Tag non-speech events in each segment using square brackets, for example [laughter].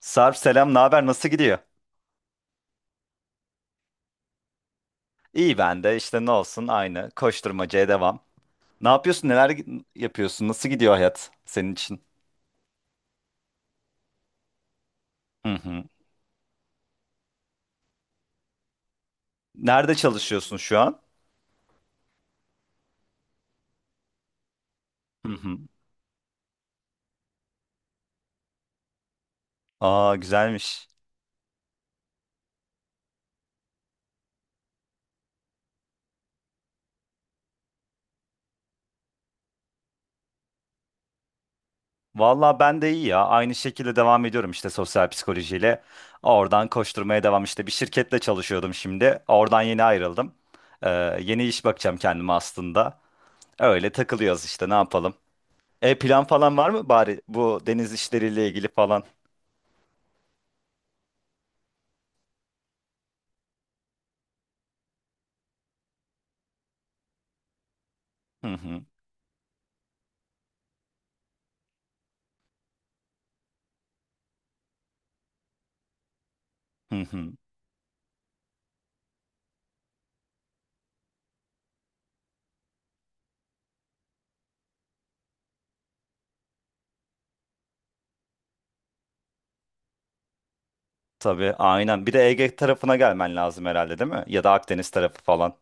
Sarp selam, ne haber? Nasıl gidiyor? İyi ben de işte ne olsun aynı koşturmacaya devam. Ne yapıyorsun? Neler yapıyorsun? Nasıl gidiyor hayat senin için? Hı hı. Nerede çalışıyorsun şu an? Hı hı. Aa güzelmiş. Valla ben de iyi ya. Aynı şekilde devam ediyorum işte sosyal psikolojiyle. Oradan koşturmaya devam işte. Bir şirketle çalışıyordum şimdi. Oradan yeni ayrıldım. Ee, Yeni iş bakacağım kendime aslında. Öyle takılıyoruz işte ne yapalım. E plan falan var mı bari bu deniz işleriyle ilgili falan? Hı hı. Hı hı. Tabii aynen. Bir de Ege tarafına gelmen lazım herhalde değil mi? Ya da Akdeniz tarafı falan.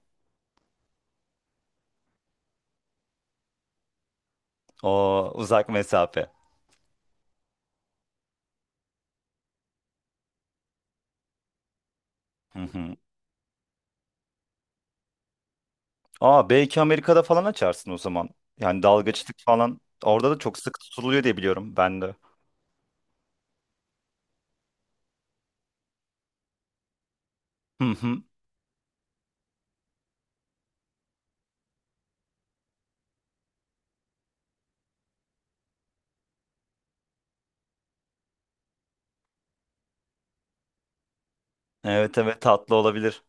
O uzak mesafe. Hı hı. Aa belki Amerika'da falan açarsın o zaman. Yani dalgıçlık falan. Orada da çok sık tutuluyor diye biliyorum ben de. Hı hı. Evet, evet, tatlı olabilir.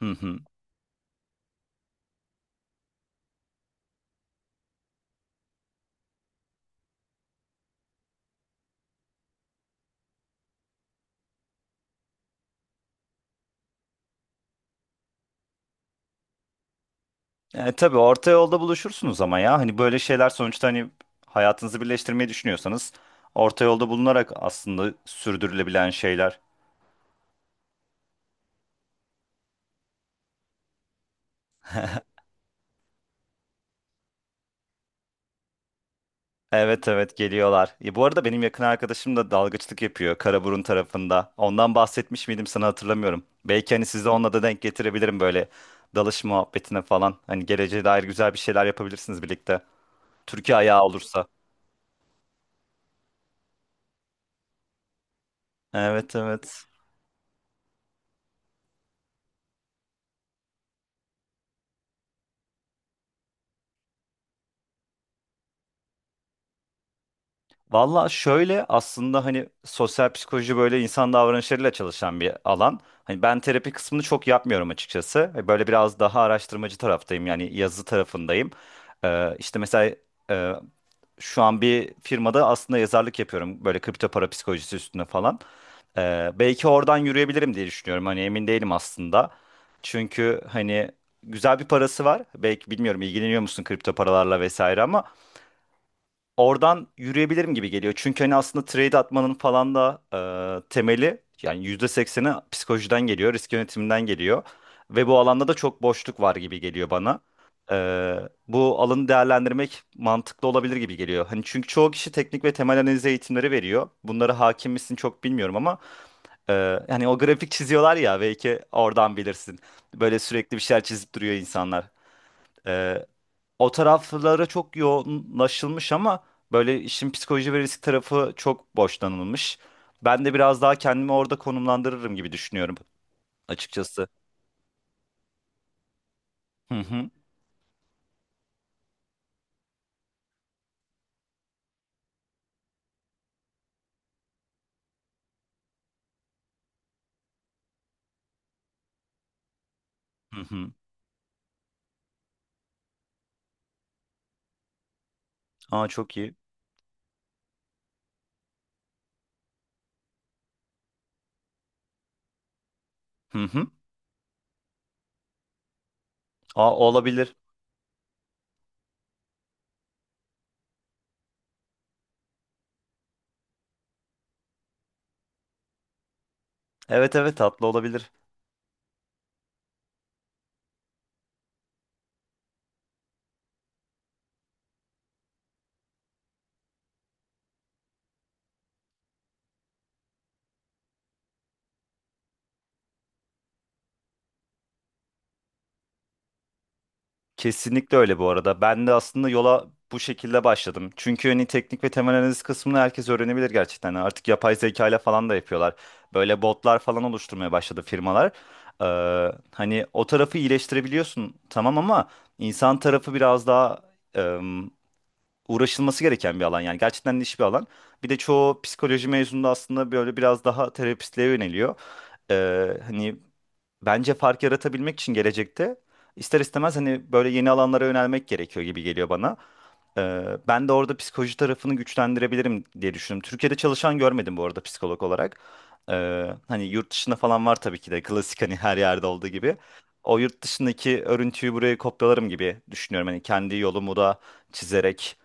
Hı hı. Tabii orta yolda buluşursunuz ama ya. Hani böyle şeyler sonuçta hani hayatınızı birleştirmeyi düşünüyorsanız orta yolda bulunarak aslında sürdürülebilen şeyler. Evet, evet, geliyorlar. Bu arada benim yakın arkadaşım da dalgıçlık yapıyor Karaburun tarafında. Ondan bahsetmiş miydim sana hatırlamıyorum. Belki hani sizi onunla da denk getirebilirim böyle dalış muhabbetine falan. Hani geleceğe dair güzel bir şeyler yapabilirsiniz birlikte. Türkiye ayağı olursa. Evet, evet. Valla şöyle aslında hani sosyal psikoloji böyle insan davranışlarıyla çalışan bir alan. Hani ben terapi kısmını çok yapmıyorum açıkçası. Böyle biraz daha araştırmacı taraftayım yani yazı tarafındayım. İşte mesela e, şu an bir firmada aslında yazarlık yapıyorum. Böyle kripto para psikolojisi üstüne falan. Belki oradan yürüyebilirim diye düşünüyorum. Hani emin değilim aslında. Çünkü hani güzel bir parası var. Belki bilmiyorum ilgileniyor musun kripto paralarla vesaire ama oradan yürüyebilirim gibi geliyor. Çünkü hani aslında trade atmanın falan da temeli yani %80'i psikolojiden geliyor, risk yönetiminden geliyor. Ve bu alanda da çok boşluk var gibi geliyor bana. E, bu alanı değerlendirmek mantıklı olabilir gibi geliyor. Hani çünkü çoğu kişi teknik ve temel analiz eğitimleri veriyor. Bunlara hakim misin çok bilmiyorum ama e, yani o grafik çiziyorlar ya belki oradan bilirsin. Böyle sürekli bir şeyler çizip duruyor insanlar. E, o taraflara çok yoğunlaşılmış ama böyle işin psikoloji ve risk tarafı çok boşlanılmış. Ben de biraz daha kendimi orada konumlandırırım gibi düşünüyorum açıkçası. Hı hı. Hı hı. Aa, çok iyi. Hı hı. Aa, olabilir. Evet, evet, tatlı olabilir. Kesinlikle öyle bu arada. Ben de aslında yola bu şekilde başladım. Çünkü hani teknik ve temel analiz kısmını herkes öğrenebilir gerçekten. Yani artık yapay zeka ile falan da yapıyorlar. Böyle botlar falan oluşturmaya başladı firmalar. Hani o tarafı iyileştirebiliyorsun tamam ama insan tarafı biraz daha em, uğraşılması gereken bir alan. Yani gerçekten niş bir alan. Bir de çoğu psikoloji mezunu da aslında böyle biraz daha terapistliğe yöneliyor. Hani bence fark yaratabilmek için gelecekte ister istemez hani böyle yeni alanlara yönelmek gerekiyor gibi geliyor bana. Ben de orada psikoloji tarafını güçlendirebilirim diye düşündüm. Türkiye'de çalışan görmedim bu arada psikolog olarak. Hani yurt dışında falan var tabii ki de klasik hani her yerde olduğu gibi. O yurt dışındaki örüntüyü buraya kopyalarım gibi düşünüyorum. Hani kendi yolumu da çizerek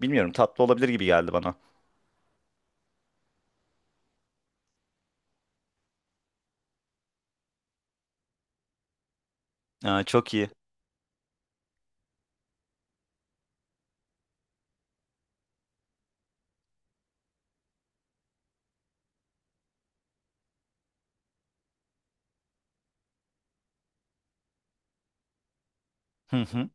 bilmiyorum tatlı olabilir gibi geldi bana. Aa, çok iyi. Hı hı.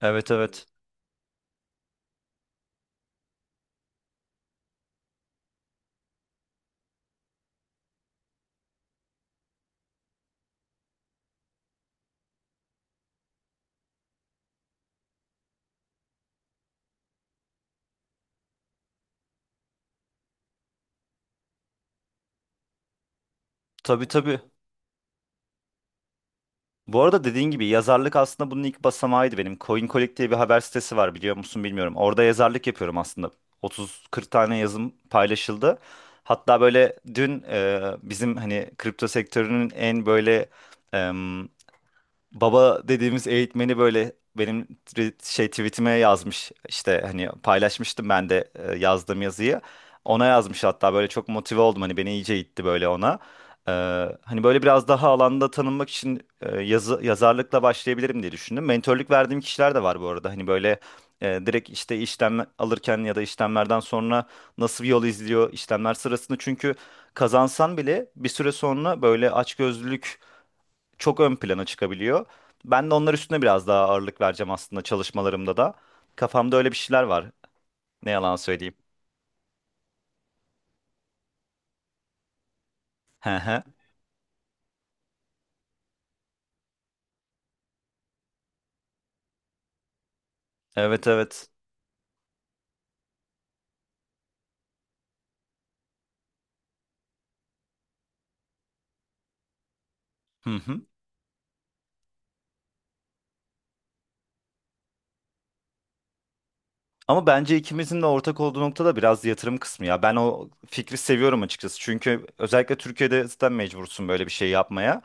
Evet, evet. Tabii, tabii. Bu arada dediğin gibi yazarlık aslında bunun ilk basamağıydı benim. CoinColic diye bir haber sitesi var biliyor musun bilmiyorum. Orada yazarlık yapıyorum aslında. 30-40 tane yazım paylaşıldı. Hatta böyle dün bizim hani kripto sektörünün en böyle baba dediğimiz eğitmeni böyle benim şey tweetime yazmış, işte hani paylaşmıştım ben de yazdığım yazıyı, ona yazmış hatta, böyle çok motive oldum, hani beni iyice itti böyle ona. Ee, Hani böyle biraz daha alanda tanınmak için yazı yazarlıkla başlayabilirim diye düşündüm. Mentörlük verdiğim kişiler de var bu arada, hani böyle direkt işte işlem alırken ya da işlemlerden sonra nasıl bir yol izliyor işlemler sırasında, çünkü kazansan bile bir süre sonra böyle açgözlülük çok ön plana çıkabiliyor. Ben de onlar üstüne biraz daha ağırlık vereceğim aslında çalışmalarımda da. Kafamda öyle bir şeyler var. Ne yalan söyleyeyim. Hı hı. Evet, evet. Hı hı. Ama bence ikimizin de ortak olduğu nokta da biraz yatırım kısmı ya. Ben o fikri seviyorum açıkçası. Çünkü özellikle Türkiye'de zaten mecbursun böyle bir şey yapmaya.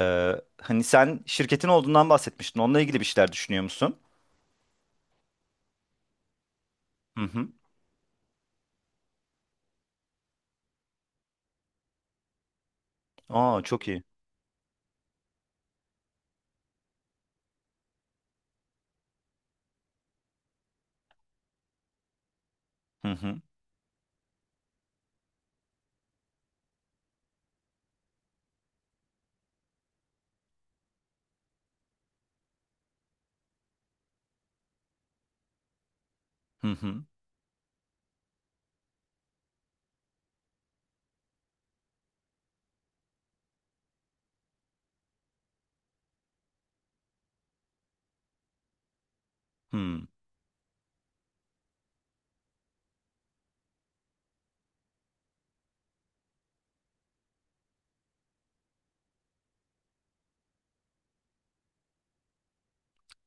Ee, Hani sen şirketin olduğundan bahsetmiştin. Onunla ilgili bir şeyler düşünüyor musun? Hı hı. Aa, çok iyi. Hı hı. Hı hı. Hı.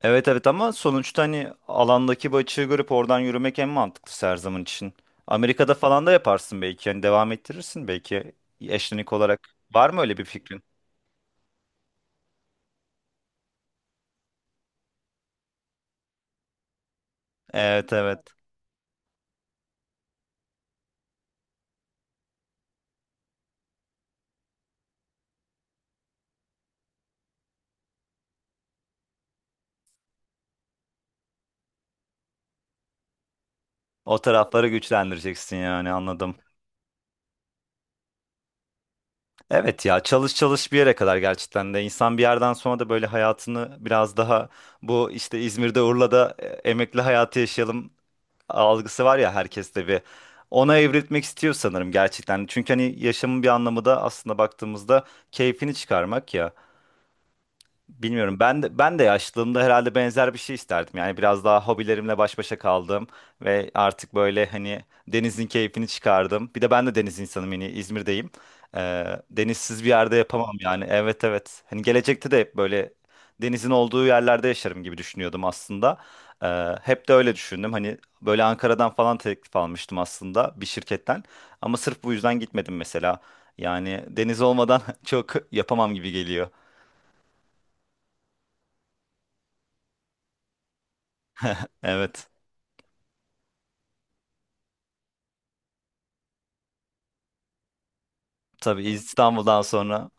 Evet, evet, ama sonuçta hani alandaki bu açığı görüp oradan yürümek en mantıklısı her zaman için. Amerika'da falan da yaparsın belki. Yani devam ettirirsin belki eşlenik olarak. Var mı öyle bir fikrin? Evet, evet. O tarafları güçlendireceksin yani, anladım. Evet ya, çalış çalış bir yere kadar gerçekten de, insan bir yerden sonra da böyle hayatını biraz daha bu işte İzmir'de Urla'da emekli hayatı yaşayalım algısı var ya herkeste, bir ona evrilmek istiyor sanırım gerçekten. Çünkü hani yaşamın bir anlamı da aslında baktığımızda keyfini çıkarmak ya. Bilmiyorum. Ben de yaşlılığımda herhalde benzer bir şey isterdim. Yani biraz daha hobilerimle baş başa kaldım ve artık böyle hani denizin keyfini çıkardım. Bir de ben de deniz insanım yani, İzmir'deyim. Denizsiz bir yerde yapamam yani. Evet, evet. Hani gelecekte de hep böyle denizin olduğu yerlerde yaşarım gibi düşünüyordum aslında. Hep de öyle düşündüm. Hani böyle Ankara'dan falan teklif almıştım aslında bir şirketten. Ama sırf bu yüzden gitmedim mesela. Yani deniz olmadan [laughs] çok yapamam gibi geliyor. Evet. Tabii, İstanbul'dan sonra.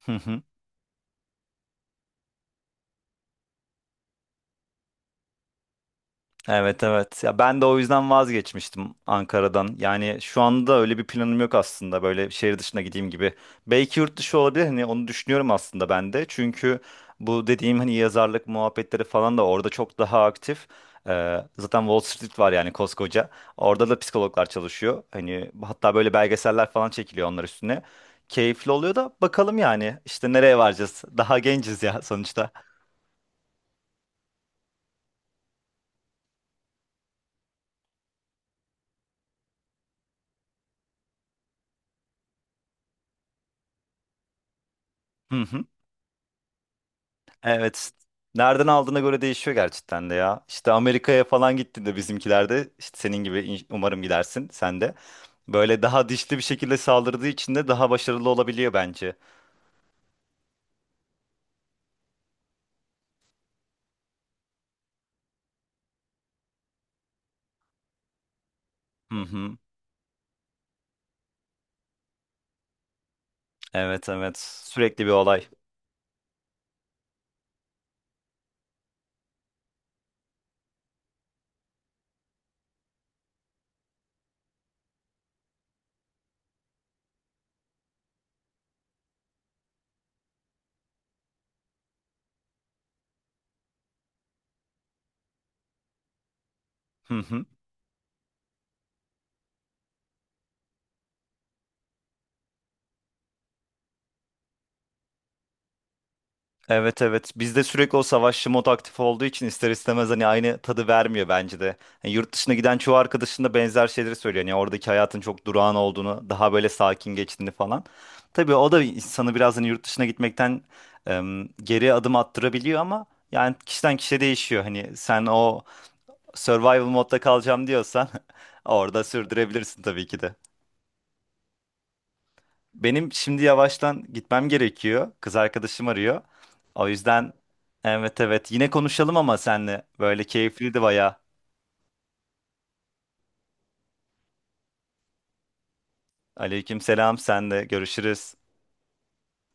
Hı hı. Evet, evet. Ya ben de o yüzden vazgeçmiştim Ankara'dan. Yani şu anda öyle bir planım yok aslında. Böyle şehir dışına gideyim gibi. Belki yurt dışı olabilir. Hani onu düşünüyorum aslında ben de. Çünkü bu dediğim hani yazarlık muhabbetleri falan da orada çok daha aktif. Zaten Wall Street var yani koskoca. Orada da psikologlar çalışıyor. Hani hatta böyle belgeseller falan çekiliyor onlar üstüne. Keyifli oluyor da, bakalım yani işte nereye varacağız? Daha genciz ya sonuçta. [laughs] Evet. Nereden aldığına göre değişiyor gerçekten de ya. İşte Amerika'ya falan gittiğinde bizimkilerde, işte senin gibi umarım gidersin sen de. Böyle daha dişli bir şekilde saldırdığı için de daha başarılı olabiliyor bence. Hı hı. Evet, evet. Sürekli bir olay. Hı hı. Evet, evet. Bizde sürekli o savaşçı mod aktif olduğu için ister istemez hani aynı tadı vermiyor bence de. Yani yurt dışına giden çoğu arkadaşın da benzer şeyleri söylüyor. Yani oradaki hayatın çok durağan olduğunu, daha böyle sakin geçtiğini falan. Tabii o da insanı biraz hani yurt dışına gitmekten geri adım attırabiliyor ama yani kişiden kişiye değişiyor. Hani sen o survival modda kalacağım diyorsan [laughs] orada sürdürebilirsin tabii ki de. Benim şimdi yavaştan gitmem gerekiyor. Kız arkadaşım arıyor. O yüzden evet, evet, yine konuşalım ama senle. Böyle keyifliydi bayağı. Aleyküm selam, sen de görüşürüz.